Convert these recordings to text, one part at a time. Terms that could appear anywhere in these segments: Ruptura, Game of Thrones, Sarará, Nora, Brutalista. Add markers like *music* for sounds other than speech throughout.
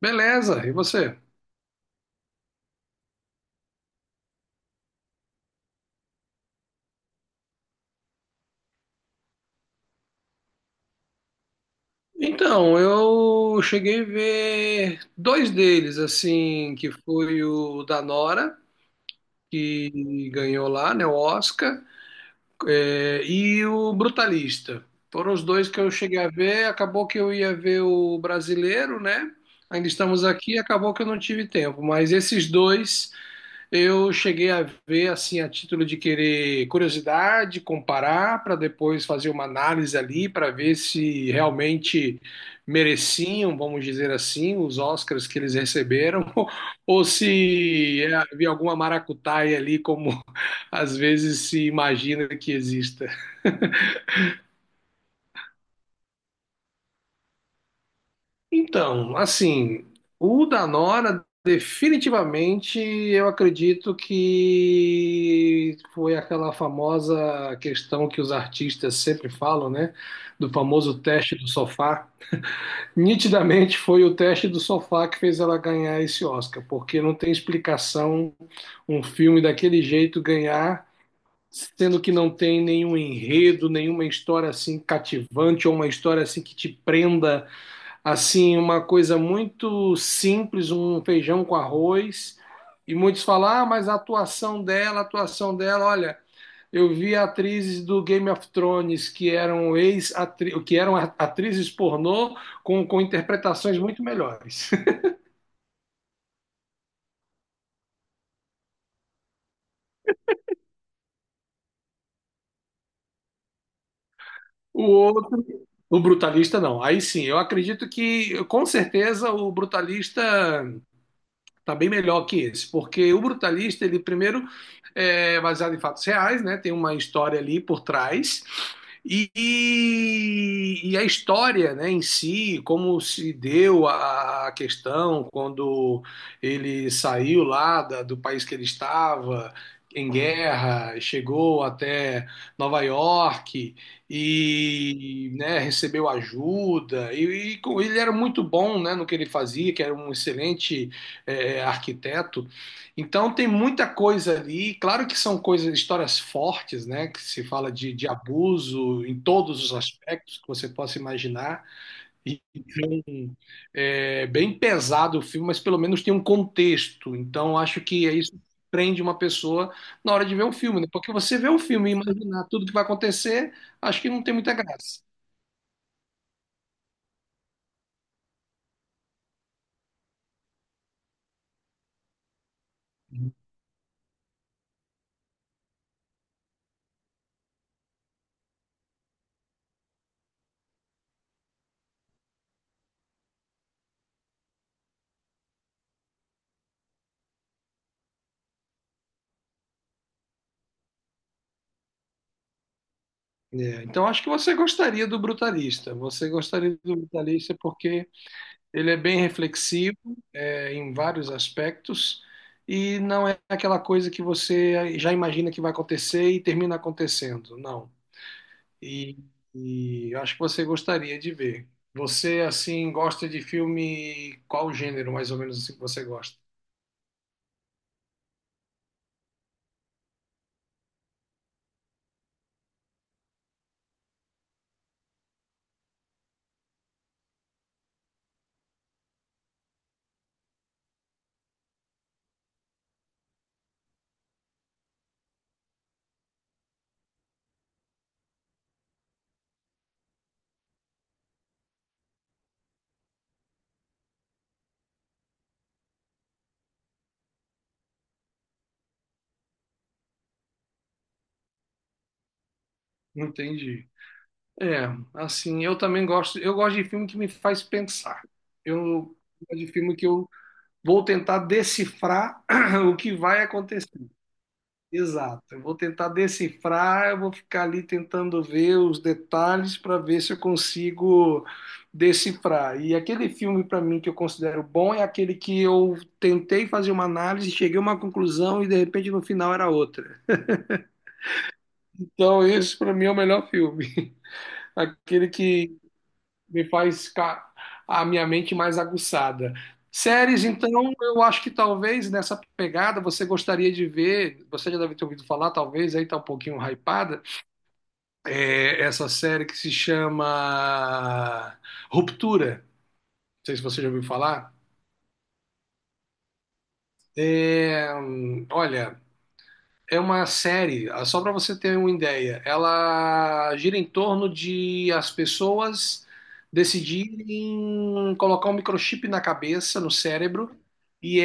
Beleza, e você? Então, eu cheguei a ver dois deles, assim, que foi o da Nora, que ganhou lá, né, o Oscar, é, e o Brutalista. Foram os dois que eu cheguei a ver, acabou que eu ia ver o brasileiro, né? Ainda estamos aqui, acabou que eu não tive tempo, mas esses dois eu cheguei a ver, assim, a título de querer curiosidade, comparar, para depois fazer uma análise ali, para ver se realmente mereciam, vamos dizer assim, os Oscars que eles receberam, *laughs* ou se havia alguma maracutaia ali, como *laughs* às vezes se imagina que exista. Então, assim, o da Nora, definitivamente, eu acredito que foi aquela famosa questão que os artistas sempre falam, né? Do famoso teste do sofá. Nitidamente foi o teste do sofá que fez ela ganhar esse Oscar, porque não tem explicação um filme daquele jeito ganhar. Sendo que não tem nenhum enredo, nenhuma história assim cativante ou uma história assim que te prenda. Assim, uma coisa muito simples, um feijão com arroz. E muitos falam, ah, mas a atuação dela, olha, eu vi atrizes do Game of Thrones que eram ex -atri que eram atrizes pornô com interpretações muito melhores. *laughs* O outro, o brutalista não. Aí sim, eu acredito que com certeza o brutalista está bem melhor que esse, porque o brutalista ele primeiro é baseado em fatos reais, né? Tem uma história ali por trás. A história, né, em si, como se deu a questão quando ele saiu lá do país que ele estava em guerra, chegou até Nova York e, né, recebeu ajuda. Ele era muito bom, né, no que ele fazia, que era um excelente arquiteto. Então tem muita coisa ali, claro que são coisas, histórias fortes, né? Que se fala de abuso em todos os aspectos que você possa imaginar. Então, é bem pesado o filme, mas pelo menos tem um contexto. Então acho que é isso que prende uma pessoa na hora de ver um filme, né? Porque você vê um filme e imaginar tudo que vai acontecer, acho que não tem muita graça. É, então acho que você gostaria do Brutalista. Você gostaria do Brutalista porque ele é bem reflexivo, em vários aspectos, e não é aquela coisa que você já imagina que vai acontecer e termina acontecendo, não. E, e eu acho que você gostaria de ver. Você, assim, gosta de filme, qual gênero, mais ou menos, assim, que você gosta? Entendi. É, assim, eu também gosto, eu gosto de filme que me faz pensar. Eu gosto de filme que eu vou tentar decifrar *clears throat* o que vai acontecer. Exato. Eu vou tentar decifrar, eu vou ficar ali tentando ver os detalhes para ver se eu consigo decifrar. E aquele filme para mim que eu considero bom é aquele que eu tentei fazer uma análise, cheguei a uma conclusão e de repente no final era outra. Então esse para mim é o melhor filme, *laughs* aquele que me faz ficar a minha mente mais aguçada. Séries, então, eu acho que talvez nessa pegada você gostaria de ver, você já deve ter ouvido falar, talvez aí tá um pouquinho hypada, essa série que se chama Ruptura. Não sei se você já ouviu falar. Olha, é uma série, ah, só para você ter uma ideia, ela gira em torno de as pessoas decidirem colocar um microchip na cabeça, no cérebro, e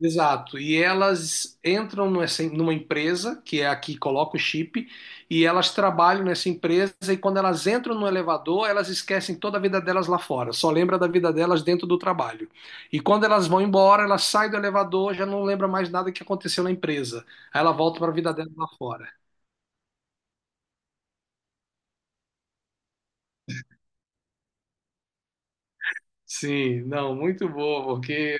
exato. E elas entram numa empresa, que é a que coloca o chip, e elas trabalham nessa empresa, e quando elas entram no elevador, elas esquecem toda a vida delas lá fora, só lembra da vida delas dentro do trabalho. E quando elas vão embora, elas saem do elevador, já não lembra mais nada que aconteceu na empresa. Aí ela volta para a vida dela lá fora. Sim, não, muito boa, porque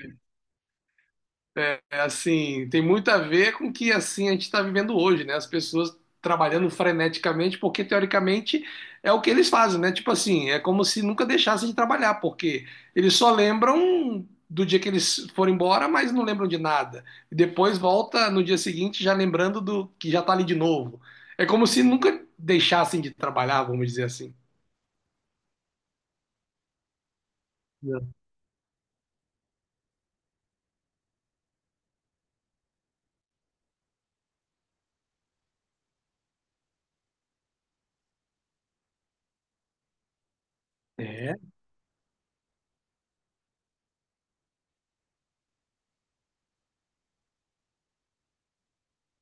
é assim, tem muito a ver com o que assim a gente está vivendo hoje, né? As pessoas trabalhando freneticamente, porque teoricamente é o que eles fazem, né? Tipo assim, é como se nunca deixassem de trabalhar, porque eles só lembram do dia que eles foram embora, mas não lembram de nada. E depois volta no dia seguinte já lembrando do que já tá ali de novo. É como se nunca deixassem de trabalhar, vamos dizer assim. É,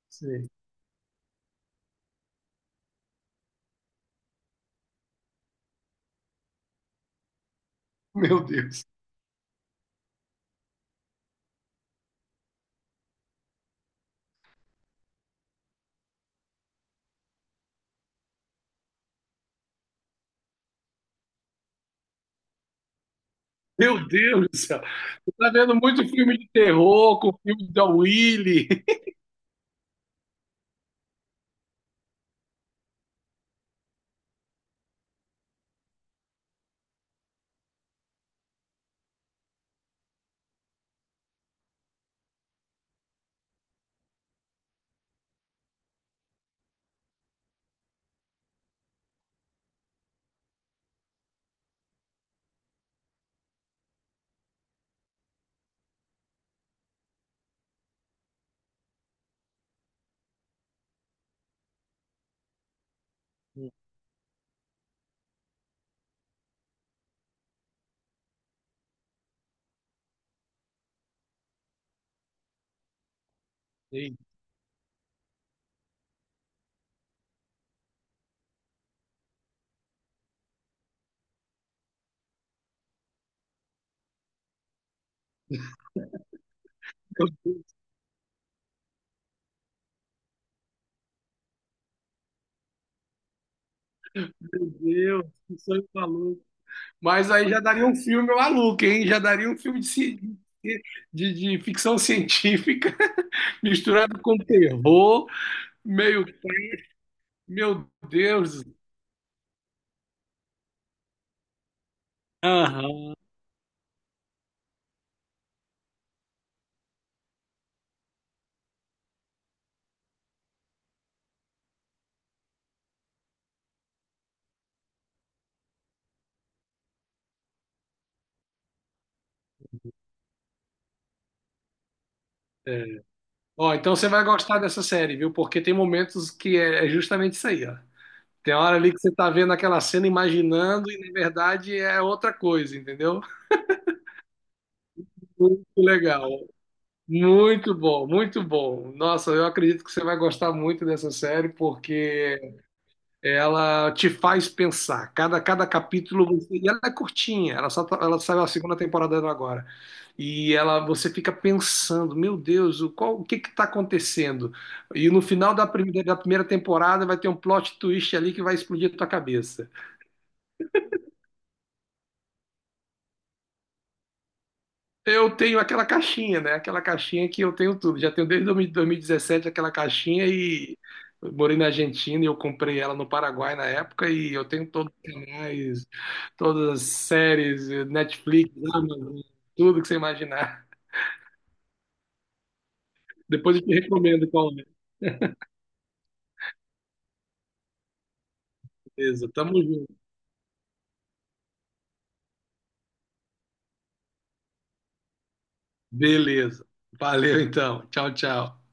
sei. *laughs* Meu Deus. Meu Deus do céu. Você tá vendo muito filme de terror com filme da Willy. *laughs* Sim. Meu Deus, meu Deus, que sonho maluco. Mas aí já daria um filme maluco, hein? Já daria um filme de ficção científica *laughs* misturado com terror. Meio, meu Deus. Aham. Ó, então você vai gostar dessa série, viu? Porque tem momentos que é justamente isso aí, ó. Tem hora ali que você tá vendo aquela cena imaginando e na verdade é outra coisa, entendeu? Muito legal, muito bom, muito bom. Nossa, eu acredito que você vai gostar muito dessa série porque ela te faz pensar. Cada capítulo, e ela é curtinha, ela saiu a segunda temporada dela agora. E ela você fica pensando, meu Deus, o que que está acontecendo? E no final da primeira temporada vai ter um plot twist ali que vai explodir a tua cabeça. Eu tenho aquela caixinha, né? Aquela caixinha que eu tenho tudo. Já tenho desde 2000 2017 aquela caixinha e eu morei na Argentina e eu comprei ela no Paraguai na época e eu tenho todos os canais, todas as séries, Netflix, Amazon, tudo que você imaginar. Depois eu te recomendo qual é. Beleza, tamo junto. Beleza. Valeu então. Tchau, tchau.